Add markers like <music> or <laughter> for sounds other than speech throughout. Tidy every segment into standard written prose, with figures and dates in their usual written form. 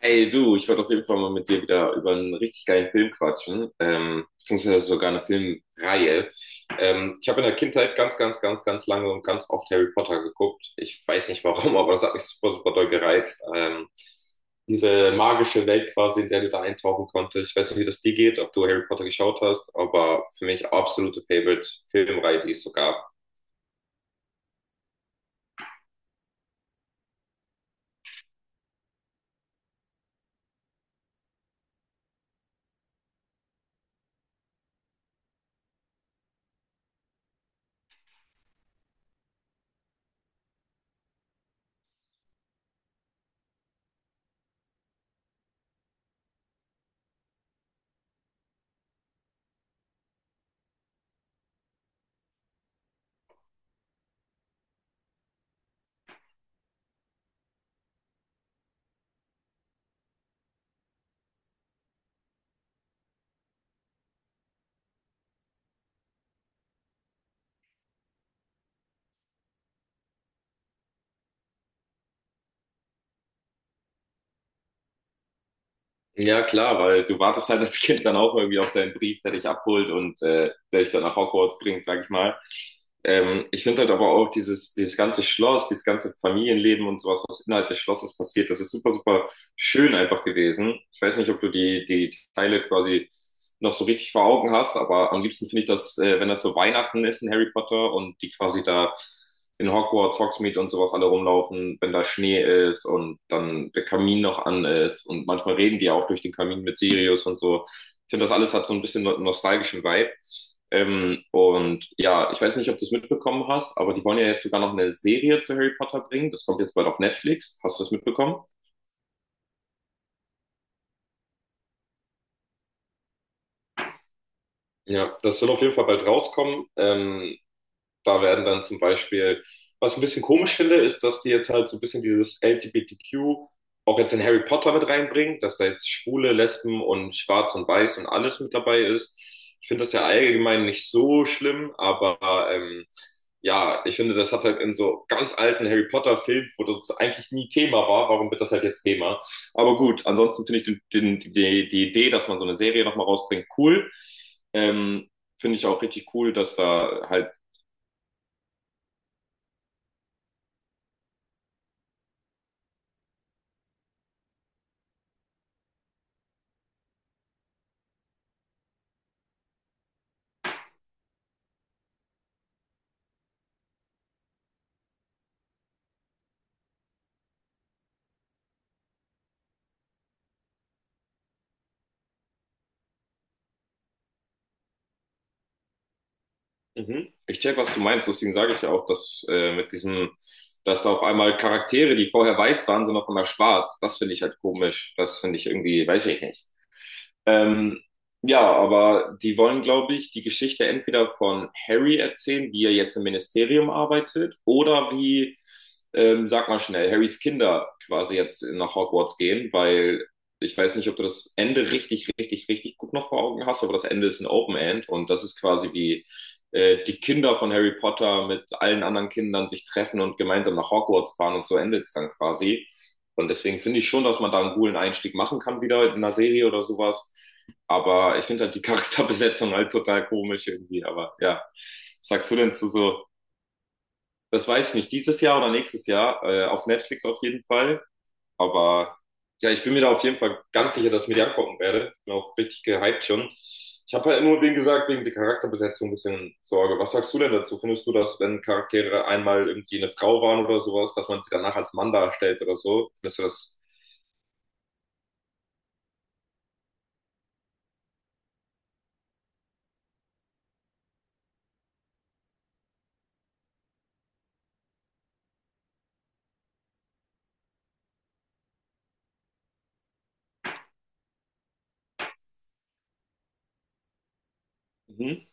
Hey du, ich wollte auf jeden Fall mal mit dir wieder über einen richtig geilen Film quatschen, beziehungsweise sogar eine Filmreihe. Ich habe in der Kindheit ganz lange und ganz oft Harry Potter geguckt. Ich weiß nicht warum, <laughs> aber das hat mich super, super doll gereizt. Diese magische Welt quasi, in der du da eintauchen konntest. Ich weiß nicht, wie das dir geht, ob du Harry Potter geschaut hast, aber für mich absolute Favorite-Filmreihe, die es so gab. Ja, klar, weil du wartest halt als Kind dann auch irgendwie auf deinen Brief, der dich abholt und der dich dann nach Hogwarts bringt, sag ich mal. Ich finde halt aber auch dieses ganze Schloss, dieses ganze Familienleben und sowas, was innerhalb des Schlosses passiert, das ist super, super schön einfach gewesen. Ich weiß nicht, ob du die Teile quasi noch so richtig vor Augen hast, aber am liebsten finde ich das, wenn das so Weihnachten ist in Harry Potter und die quasi da in Hogwarts, Hogsmeade und sowas alle rumlaufen, wenn da Schnee ist und dann der Kamin noch an ist und manchmal reden die auch durch den Kamin mit Sirius und so. Ich finde, das alles hat so ein bisschen nostalgischen Vibe. Und ja, ich weiß nicht, ob du es mitbekommen hast, aber die wollen ja jetzt sogar noch eine Serie zu Harry Potter bringen. Das kommt jetzt bald auf Netflix. Hast du das mitbekommen? Ja, das soll auf jeden Fall bald rauskommen. Da werden dann zum Beispiel, was ich ein bisschen komisch finde, ist, dass die jetzt halt so ein bisschen dieses LGBTQ auch jetzt in Harry Potter mit reinbringen, dass da jetzt Schwule, Lesben und Schwarz und Weiß und alles mit dabei ist. Ich finde das ja allgemein nicht so schlimm, aber ja, ich finde, das hat halt in so ganz alten Harry Potter-Filmen, wo das eigentlich nie Thema war, warum wird das halt jetzt Thema? Aber gut, ansonsten finde ich die Idee, dass man so eine Serie nochmal rausbringt, cool. Ähm, finde ich auch richtig cool, dass da halt. Mhm. Ich check, was du meinst, deswegen sage ich ja auch, dass mit dass da auf einmal Charaktere, die vorher weiß waren, sind auf einmal schwarz. Das finde ich halt komisch. Das finde ich irgendwie, weiß ich nicht. Ähm, ja, aber die wollen, glaube ich, die Geschichte entweder von Harry erzählen, wie er jetzt im Ministerium arbeitet, oder wie, sag mal schnell, Harrys Kinder quasi jetzt nach Hogwarts gehen, weil ich weiß nicht, ob du das Ende richtig gut noch vor Augen hast, aber das Ende ist ein Open End und das ist quasi wie die Kinder von Harry Potter mit allen anderen Kindern sich treffen und gemeinsam nach Hogwarts fahren und so endet es dann quasi. Und deswegen finde ich schon, dass man da einen coolen Einstieg machen kann, wieder in einer Serie oder sowas. Aber ich finde halt die <laughs> Charakterbesetzung halt total komisch irgendwie. Aber ja, was sagst du denn zu so, das weiß ich nicht, dieses Jahr oder nächstes Jahr, auf Netflix auf jeden Fall. Aber ja, ich bin mir da auf jeden Fall ganz sicher, dass ich mir die angucken werde. Bin auch richtig gehypt schon. Ich habe halt nur, wie gesagt, wegen der Charakterbesetzung ein bisschen Sorge. Was sagst du denn dazu? Findest du, dass wenn Charaktere einmal irgendwie eine Frau waren oder sowas, dass man sie danach als Mann darstellt oder so? Findest du das? Mhm.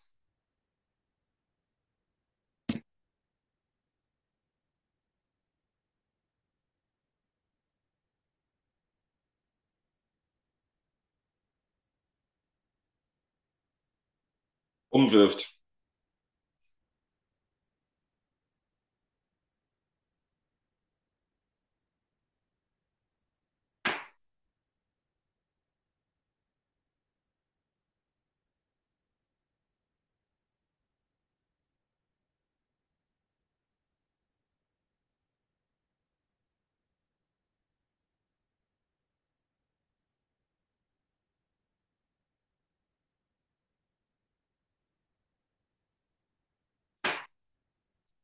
Umwirft.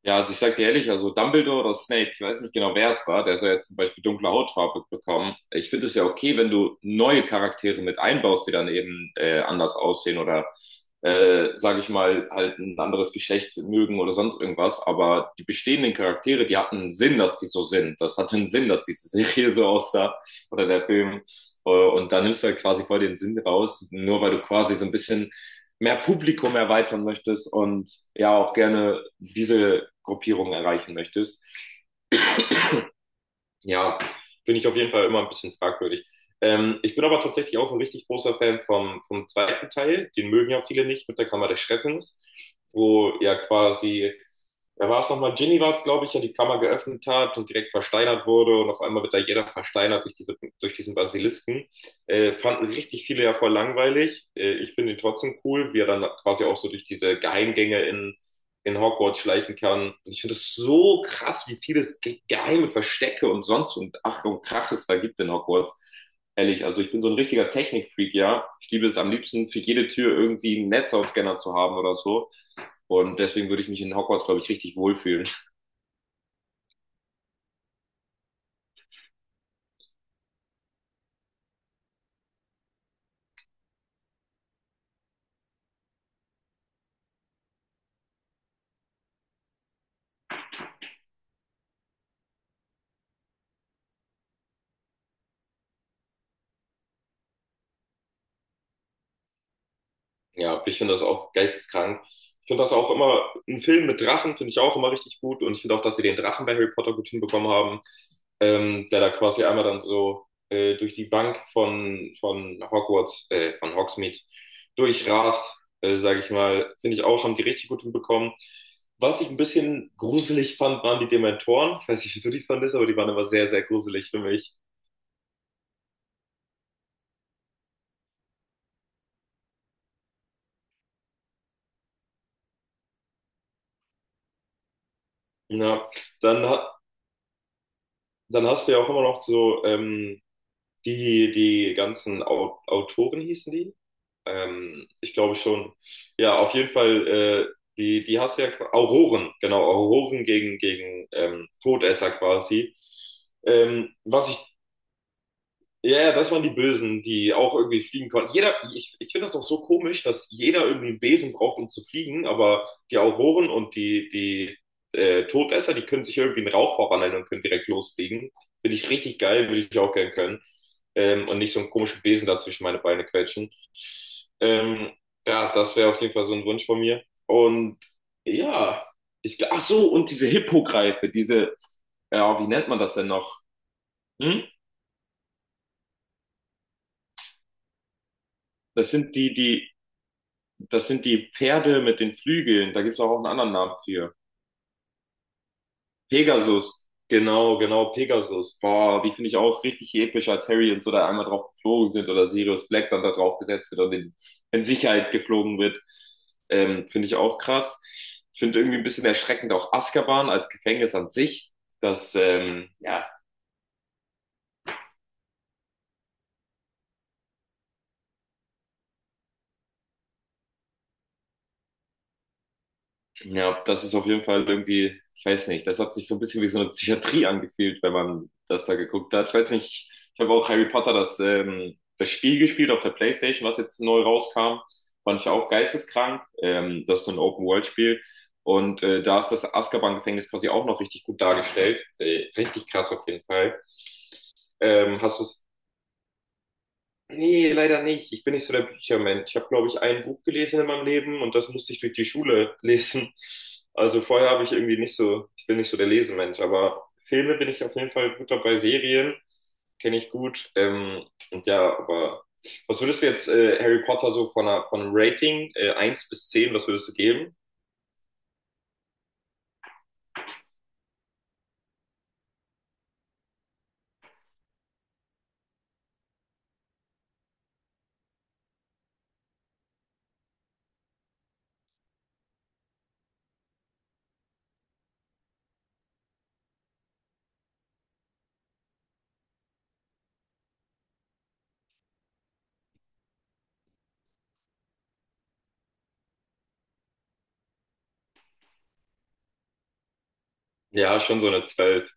Ja, also ich sag dir ehrlich, also Dumbledore oder Snape, ich weiß nicht genau, wer es war, der soll jetzt zum Beispiel dunkle Hautfarbe bekommen. Ich finde es ja okay, wenn du neue Charaktere mit einbaust, die dann eben anders aussehen oder, sage ich mal, halt ein anderes Geschlecht mögen oder sonst irgendwas. Aber die bestehenden Charaktere, die hatten einen Sinn, dass die so sind. Das hatte einen Sinn, dass diese Serie so aussah oder der Film. Und da nimmst du halt quasi voll den Sinn raus, nur weil du quasi so ein bisschen mehr Publikum erweitern möchtest und ja auch gerne diese Gruppierung erreichen möchtest. Ja, finde ich auf jeden Fall immer ein bisschen fragwürdig. Ich bin aber tatsächlich auch ein richtig großer Fan vom zweiten Teil. Den mögen ja viele nicht mit der Kammer des Schreckens, wo ja quasi, da war es nochmal, Ginny war es, glaube ich, ja die Kammer geöffnet hat und direkt versteinert wurde und auf einmal wird da jeder versteinert durch, diese, durch diesen Basilisken. Fanden richtig viele ja voll langweilig. Ich finde ihn trotzdem cool, wie er dann quasi auch so durch diese Geheimgänge in Hogwarts schleichen kann. Und ich finde es so krass, wie viele geheime Verstecke und sonst und Ach und Krach es da gibt in Hogwarts. Ehrlich, also ich bin so ein richtiger Technikfreak, ja. Ich liebe es am liebsten, für jede Tür irgendwie einen Netzhautscanner zu haben oder so. Und deswegen würde ich mich in Hogwarts, glaube ich, richtig wohlfühlen. Ja, ich finde das auch geisteskrank. Ich finde das auch immer, ein Film mit Drachen finde ich auch immer richtig gut und ich finde auch, dass sie den Drachen bei Harry Potter gut hinbekommen haben, der da quasi einmal dann so durch die Bank von Hogwarts, von Hogsmeade durchrast, sage ich mal. Finde ich auch, haben die richtig gut hinbekommen. Was ich ein bisschen gruselig fand, waren die Dementoren. Ich weiß nicht, wie du die fandest, aber die waren immer sehr, sehr gruselig für mich. Ja, dann, ha- dann hast du ja auch immer noch so, die, die ganzen Autoren hießen die? Ich glaube schon. Ja, auf jeden Fall, die, die hast du ja Auroren, genau, Auroren gegen Todesser quasi. Was ich ja, ja, das waren die Bösen, die auch irgendwie fliegen konnten. Jeder, ich finde das auch so komisch, dass jeder irgendwie einen Besen braucht, um zu fliegen, aber die Auroren und die Todesser, die können sich irgendwie einen Rauch verwandeln und können direkt losfliegen. Finde ich richtig geil, würde ich auch gern können. Und nicht so einen komischen Besen da zwischen meine Beine quetschen. Ähm, ja, das wäre auf jeden Fall so ein Wunsch von mir. Und ja, ach so, und diese Hippogreife, diese, ja, wie nennt man das denn noch? Hm? Das sind die Das sind die Pferde mit den Flügeln. Da gibt's auch einen anderen Namen für. Pegasus. Genau, genau, Pegasus. Boah, die finde ich auch richtig episch, als Harry und so da einmal drauf geflogen sind oder Sirius Black dann da drauf gesetzt wird und in Sicherheit geflogen wird. Finde ich auch krass. Ich finde irgendwie ein bisschen erschreckend auch Azkaban als Gefängnis an sich. Ja, ja, das ist auf jeden Fall irgendwie, ich weiß nicht, das hat sich so ein bisschen wie so eine Psychiatrie angefühlt, wenn man das da geguckt hat. Ich weiß nicht, ich habe auch Harry Potter das Spiel gespielt auf der PlayStation, was jetzt neu rauskam. Fand ich auch geisteskrank. Das ist so ein Open-World-Spiel. Und da ist das Azkaban-Gefängnis quasi auch noch richtig gut dargestellt. Richtig krass auf jeden Fall. Hast du Nee, leider nicht. Ich bin nicht so der Büchermensch. Ich habe, glaube ich, ein Buch gelesen in meinem Leben und das musste ich durch die Schule <laughs> lesen. Also vorher habe ich irgendwie nicht so, ich bin nicht so der Lesemensch, aber Filme bin ich auf jeden Fall gut dabei. Serien kenne ich gut. Und ja, aber was würdest du jetzt Harry Potter so von von einem Rating 1 bis 10 was würdest du geben? Ja, schon so eine 12